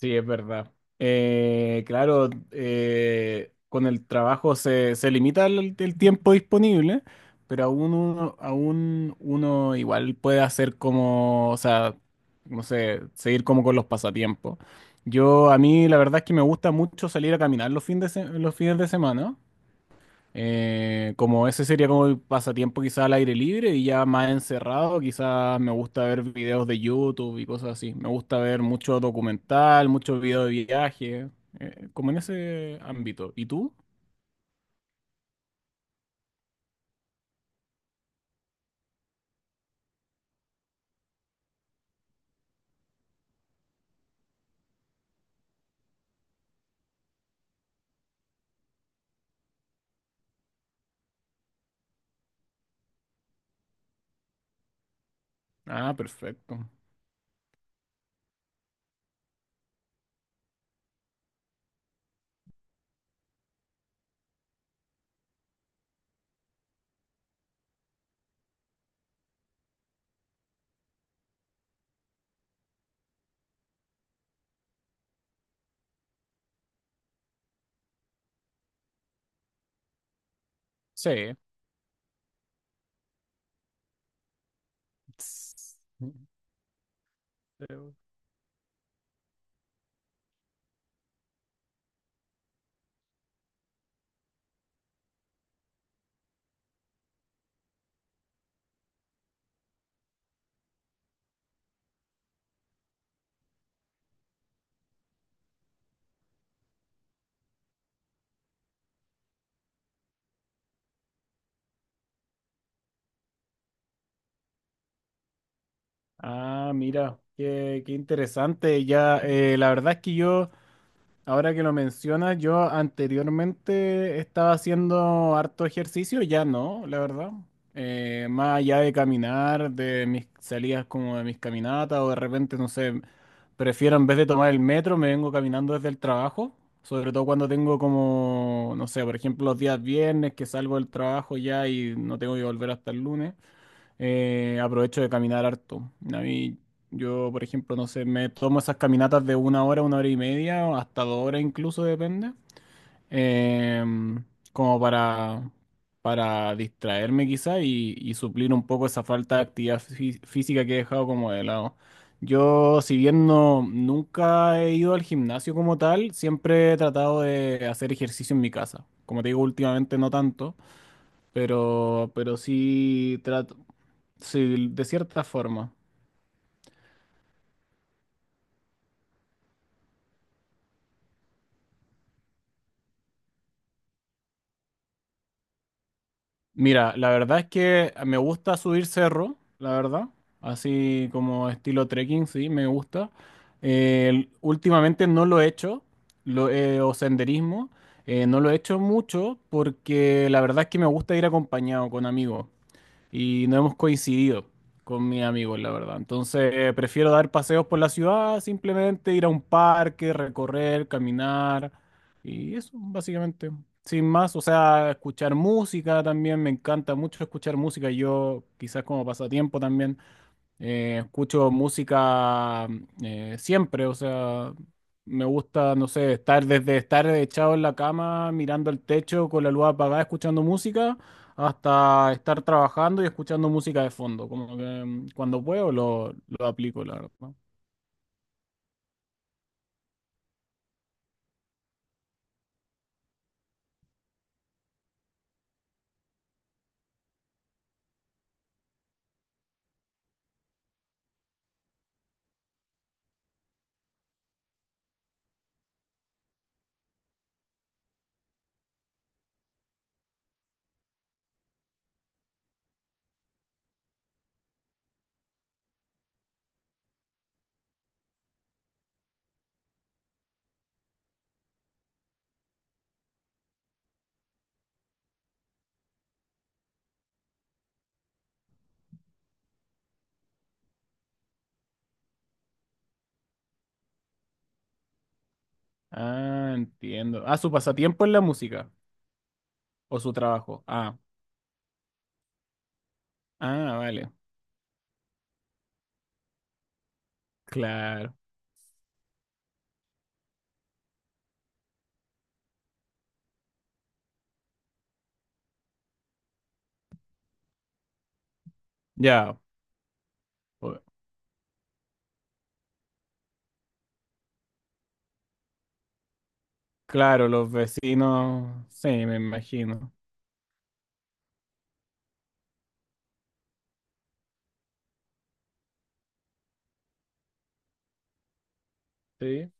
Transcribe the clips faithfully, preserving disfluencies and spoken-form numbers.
Sí, es verdad. Eh, claro, eh, con el trabajo se, se limita el, el tiempo disponible, pero aún uno, aún uno igual puede hacer como, o sea, no sé, seguir como con los pasatiempos. Yo, a mí la verdad es que me gusta mucho salir a caminar los fines de, se- los fines de semana. Eh, como ese sería como el pasatiempo quizá al aire libre y ya más encerrado, quizás me gusta ver videos de YouTube y cosas así. Me gusta ver mucho documental, muchos videos de viaje, eh, como en ese ámbito. ¿Y tú? Ah, perfecto. Sí. Tss. Ah, mira, qué, qué interesante. Ya, eh, la verdad es que yo... Ahora que lo mencionas, yo anteriormente estaba haciendo harto ejercicio, ya no, la verdad. Eh, más allá de caminar, de mis salidas como de mis caminatas, o de repente, no sé, prefiero en vez de tomar el metro, me vengo caminando desde el trabajo, sobre todo cuando tengo como, no sé, por ejemplo, los días viernes que salgo del trabajo ya y no tengo que volver hasta el lunes, eh, aprovecho de caminar harto. A mí, yo, por ejemplo, no sé, me tomo esas caminatas de una hora, una hora y media, o hasta dos horas incluso, depende, em, como para, para distraerme quizá y, y suplir un poco esa falta de actividad fí- física que he dejado como de lado. Yo, si bien no, nunca he ido al gimnasio como tal, siempre he tratado de hacer ejercicio en mi casa. Como te digo, últimamente no tanto. Pero, pero sí trato, sí, de cierta forma. Mira, la verdad es que me gusta subir cerro, la verdad. Así como estilo trekking, sí, me gusta. Eh, últimamente no lo he hecho, lo, eh, o senderismo. Eh, no lo he hecho mucho porque la verdad es que me gusta ir acompañado con amigos y no hemos coincidido con mis amigos, la verdad. Entonces, eh, prefiero dar paseos por la ciudad, simplemente ir a un parque, recorrer, caminar y eso, básicamente. Sin más, o sea, escuchar música también, me encanta mucho escuchar música, yo quizás como pasatiempo también. Eh, escucho música eh, siempre, o sea, me gusta, no sé, estar desde estar echado en la cama, mirando el techo con la luz apagada, escuchando música, hasta estar trabajando y escuchando música de fondo. Como que mm, cuando puedo lo, lo aplico, la verdad. Ah, entiendo. Ah, ¿su pasatiempo es la música o su trabajo? Ah, ah, vale. Claro. Ya, o- claro, los vecinos, sí, me imagino. Sí.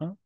¿No?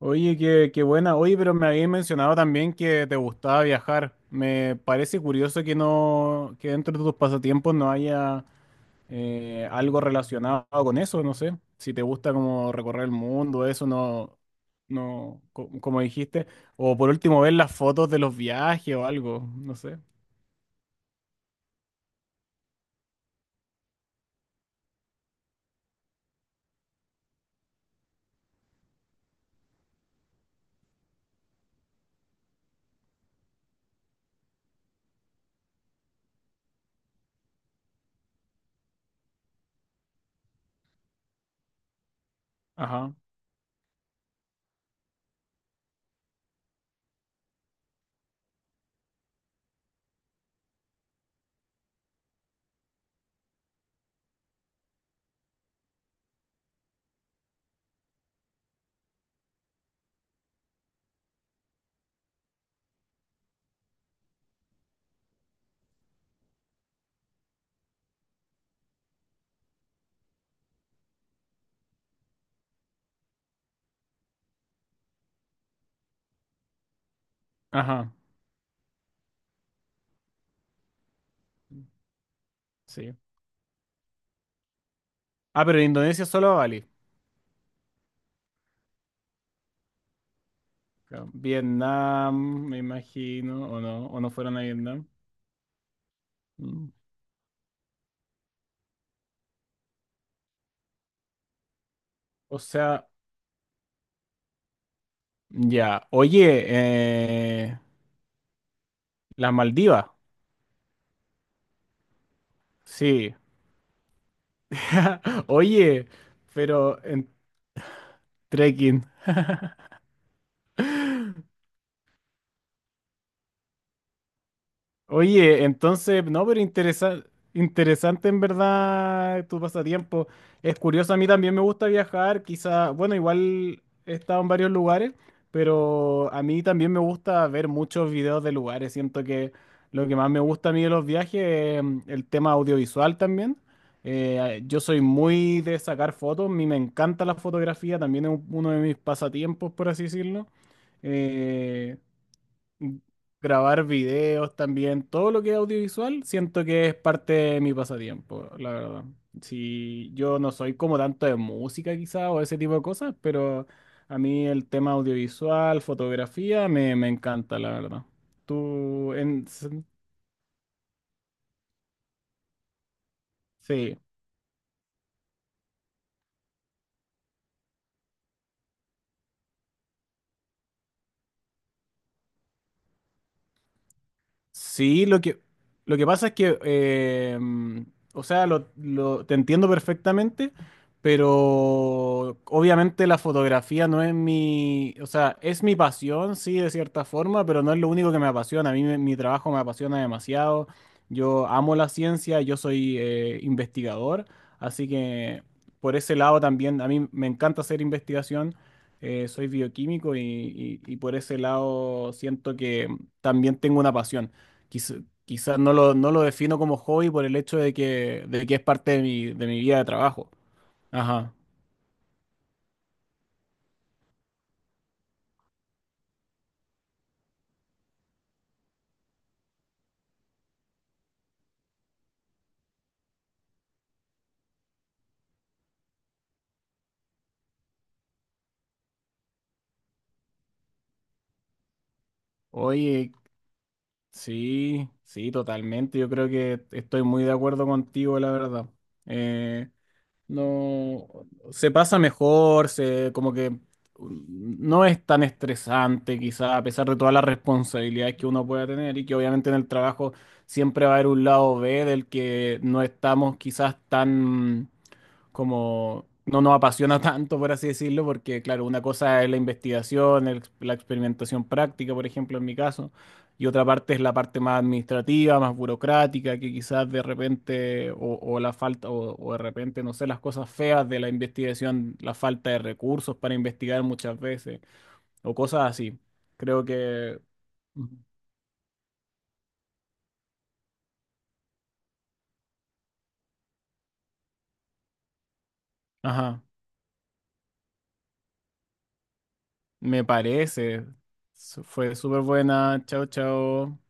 Oye, qué, qué buena. Oye, pero me habías mencionado también que te gustaba viajar. Me parece curioso que no, que dentro de tus pasatiempos no haya eh, algo relacionado con eso, no sé. Si te gusta como recorrer el mundo, eso no, no, co- como dijiste. O por último, ver las fotos de los viajes o algo, no sé. Ajá, ajá, sí. Ah, pero en Indonesia solo Bali. Claro. Vietnam, me imagino, o no, o no fueron a Vietnam. Mm. O sea, ya, oye, eh, las Maldivas, sí. Oye, pero en trekking. Oye, entonces, no, pero interesa- interesante en verdad tu pasatiempo. Es curioso, a mí también me gusta viajar, quizá, bueno, igual he estado en varios lugares, pero a mí también me gusta ver muchos videos de lugares. Siento que lo que más me gusta a mí de los viajes es mm, el tema audiovisual también. Eh, yo soy muy de sacar fotos, a mí me encanta la fotografía, también es un- uno de mis pasatiempos, por así decirlo. Eh, Grabar videos también, todo lo que es audiovisual, siento que es parte de mi pasatiempo, la verdad. Si yo no soy como tanto de música quizá o ese tipo de cosas, pero a mí el tema audiovisual, fotografía, me, me encanta, la verdad. Tú, en, sí, sí, lo que, lo que pasa es que, eh, mm, o sea, lo, lo- te entiendo perfectamente, pero obviamente la fotografía no es mi, o sea, es mi pasión, sí, de cierta forma, pero no es lo único que me apasiona. A mí me- mi trabajo me apasiona demasiado. Yo amo la ciencia, yo soy eh, investigador, así que por ese lado también a mí me encanta hacer investigación. Eh, soy bioquímico y y- y por ese lado siento que también tengo una pasión. Quizás no lo, no lo defino como hobby por el hecho de que, de que es parte de mi, de mi vida de trabajo. Ajá. Oye, sí, sí, totalmente. Yo creo que estoy muy de acuerdo contigo, la verdad. Eh, No, se pasa mejor, se como que no es tan estresante quizá, a pesar de todas las responsabilidades que uno pueda tener y que obviamente en el trabajo siempre va a haber un lado B del que no estamos quizás tan como no nos apasiona tanto, por así decirlo, porque claro, una cosa es la investigación, el- la experimentación práctica, por ejemplo, en mi caso y otra parte es la parte más administrativa, más burocrática, que quizás de repente, o, o la falta, o, o de repente, no sé, las cosas feas de la investigación, la falta de recursos para investigar muchas veces, o cosas así. Creo que, ajá, me parece. Fue súper buena. Chao, chao.